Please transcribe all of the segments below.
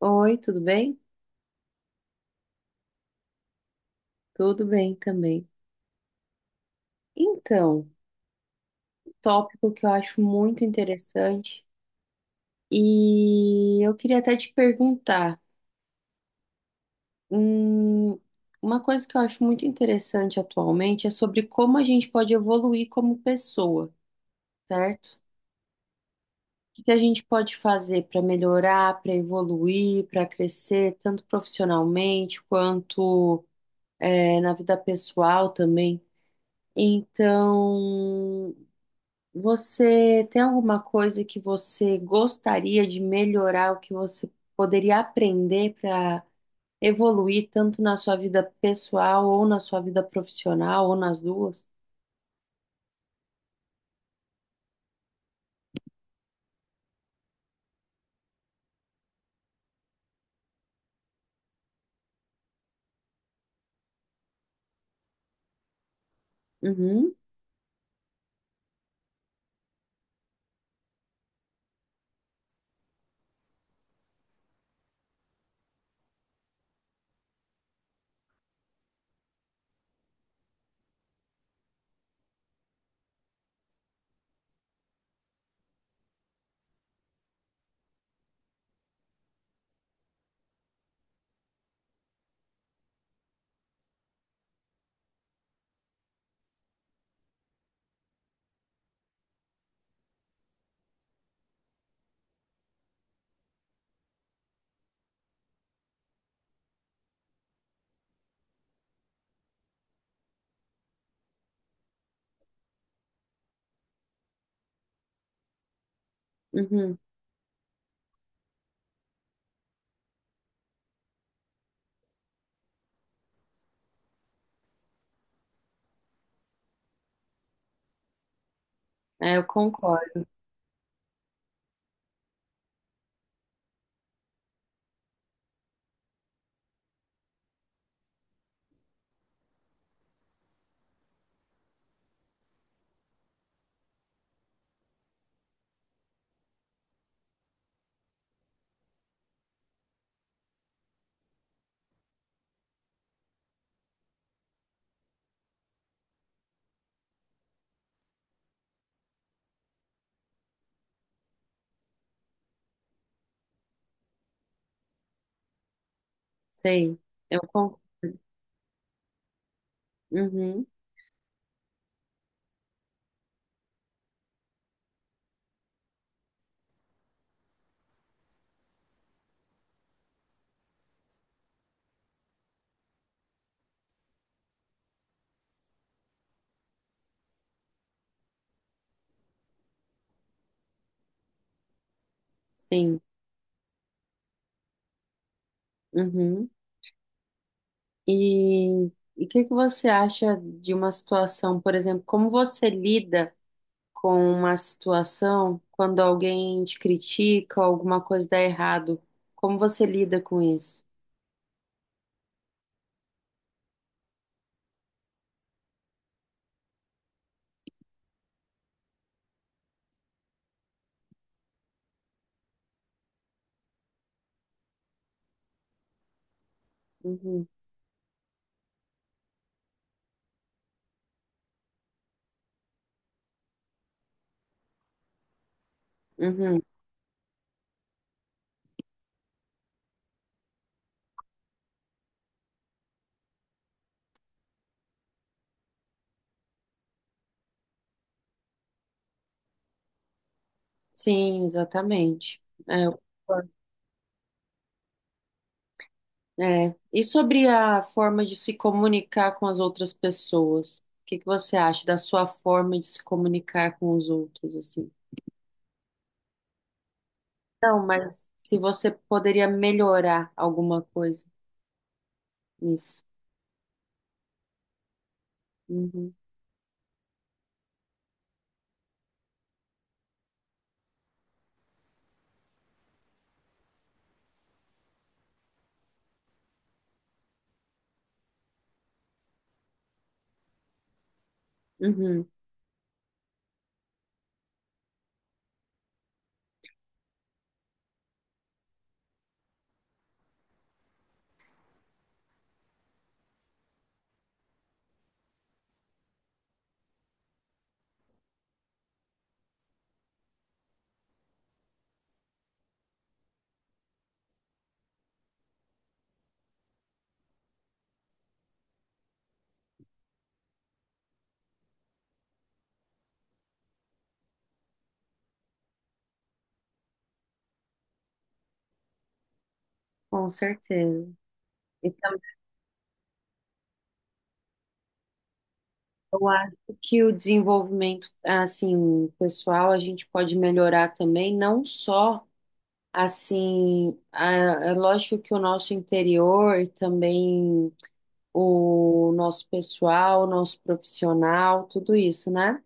Oi, tudo bem? Tudo bem também. Então, um tópico que eu acho muito interessante e eu queria até te perguntar, hum, uma coisa que eu acho muito interessante atualmente é sobre como a gente pode evoluir como pessoa, certo? O que que a gente pode fazer para melhorar, para evoluir, para crescer, tanto profissionalmente quanto, na vida pessoal também. Então, você tem alguma coisa que você gostaria de melhorar, o que você poderia aprender para evoluir tanto na sua vida pessoal ou na sua vida profissional ou nas duas? Uhum. Uhum. É, eu concordo. Sei. Eu concordo. Uhum. Sim. Uhum. E e o que que você acha de uma situação, por exemplo, como você lida? Com uma situação quando alguém te critica, alguma coisa dá errado. Como você lida com isso? Uhum. Uhum. Sim, exatamente. É, eu concordo. É. E sobre a forma de se comunicar com as outras pessoas? O que que você acha da sua forma de se comunicar com os outros, assim? Não, mas se você poderia melhorar alguma coisa nisso. Uhum. Uhum. Com certeza. E eu acho que o desenvolvimento, assim, pessoal, a gente pode melhorar também, não só, assim, a- é lógico que o nosso interior, também o nosso pessoal, o nosso profissional, tudo isso, né?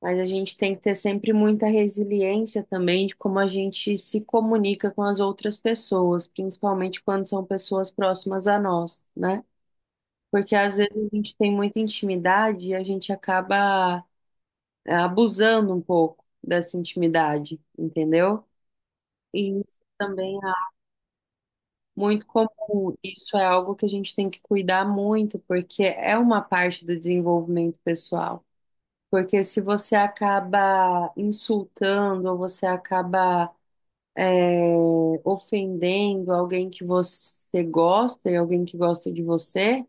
Mas a gente tem que ter sempre muita resiliência também de como a gente se comunica com as outras pessoas, principalmente quando são pessoas próximas a nós, né? Porque às vezes a gente tem muita intimidade e a gente acaba abusando um pouco dessa intimidade, entendeu? E isso também é muito comum. Isso é algo que a gente tem que cuidar muito, porque é uma parte do desenvolvimento pessoal. Porque se você acaba insultando ou você acaba ofendendo alguém que você gosta e alguém que gosta de você,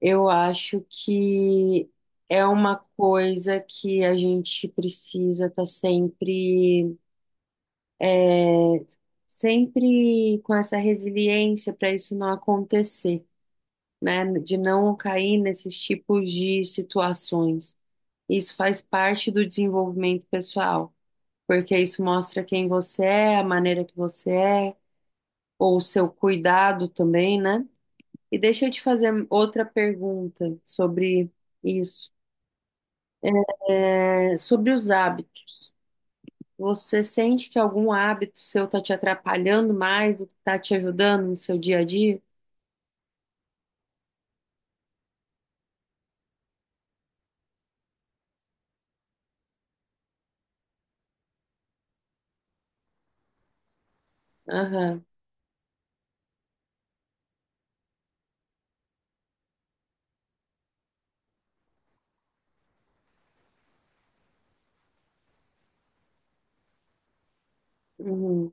eu acho que é uma coisa que a gente precisa estar sempre é, sempre com essa resiliência para isso não acontecer, né? De não cair nesses tipos de situações. Isso faz parte do desenvolvimento pessoal, porque isso mostra quem você é, a maneira que você é, ou o seu cuidado também, né? E deixa eu te fazer outra pergunta sobre isso, sobre os hábitos. Você sente que algum hábito seu está te atrapalhando mais do que está te ajudando no seu dia a dia? Aham. Uhum.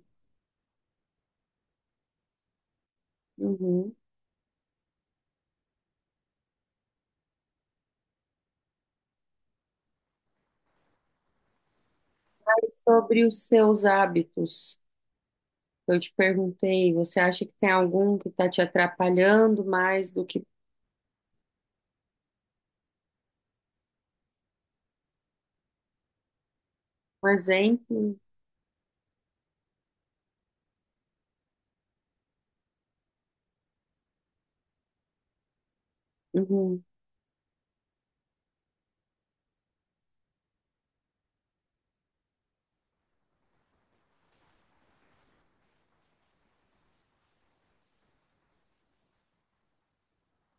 Uhum. E sobre os seus hábitos, eu te perguntei, você acha que tem algum que está te atrapalhando mais do que, por exemplo? Uhum.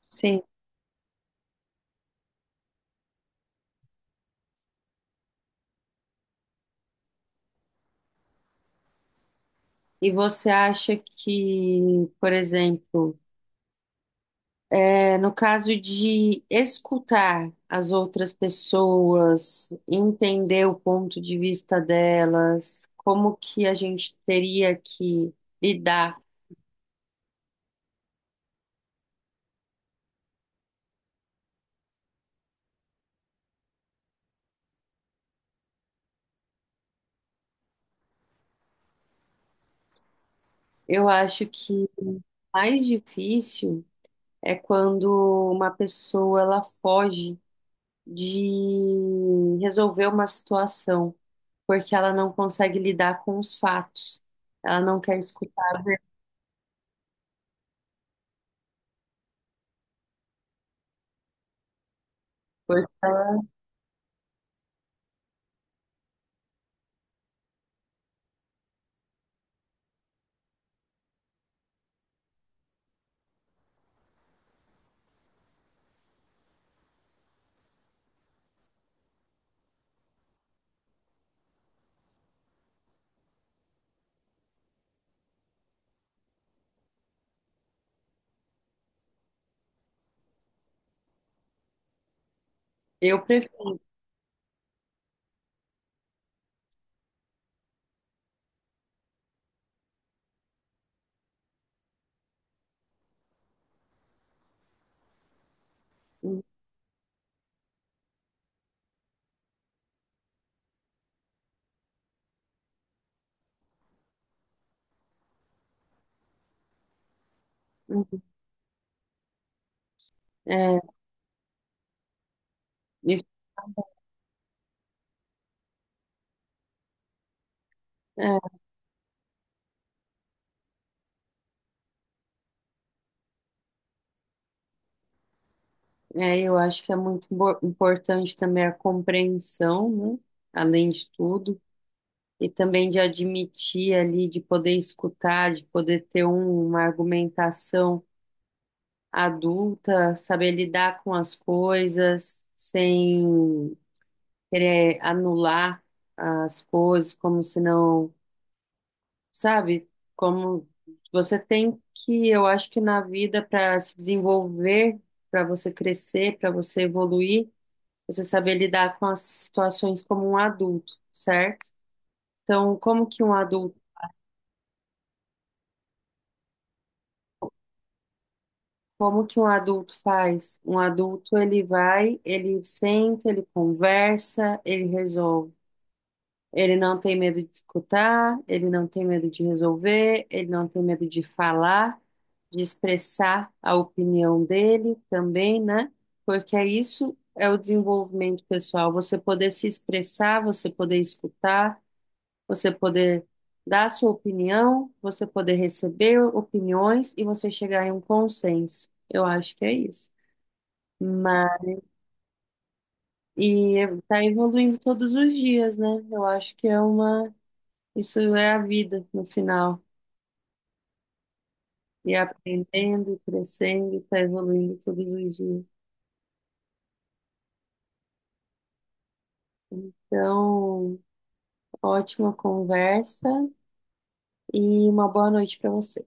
Sim. E você acha que, por exemplo, no caso de escutar as outras pessoas, entender o ponto de vista delas, como que a gente teria que lidar? Eu acho que mais difícil. É quando uma pessoa ela foge de resolver uma situação porque ela não consegue lidar com os fatos. Ela não quer escutar a verdade. Eu prefiro. É, isso- é, eu acho que é muito importante também a compreensão, né? Além de tudo, e também de admitir ali, de poder escutar, de poder ter uma argumentação adulta, saber lidar com as coisas sem querer anular as coisas, como se não, sabe? Como você tem que, eu acho que na vida, para se desenvolver, para você crescer, para você evoluir, você saber lidar com as situações como um adulto, certo? Então, como que um adulto. Como que um adulto faz? Um adulto, ele vai, ele senta, ele conversa, ele resolve. Ele não tem medo de escutar, ele não tem medo de resolver, ele não tem medo de falar, de expressar a opinião dele também, né? Porque é isso é o desenvolvimento pessoal, você poder se expressar, você poder escutar, você poder dar sua opinião, você poder receber opiniões e você chegar em um consenso. Eu acho que é isso. Mas, e tá evoluindo todos os dias, né? Eu acho que é uma. Isso é a vida no final. E aprendendo, e crescendo, e tá evoluindo todos os dias. Então, ótima conversa e uma boa noite para você.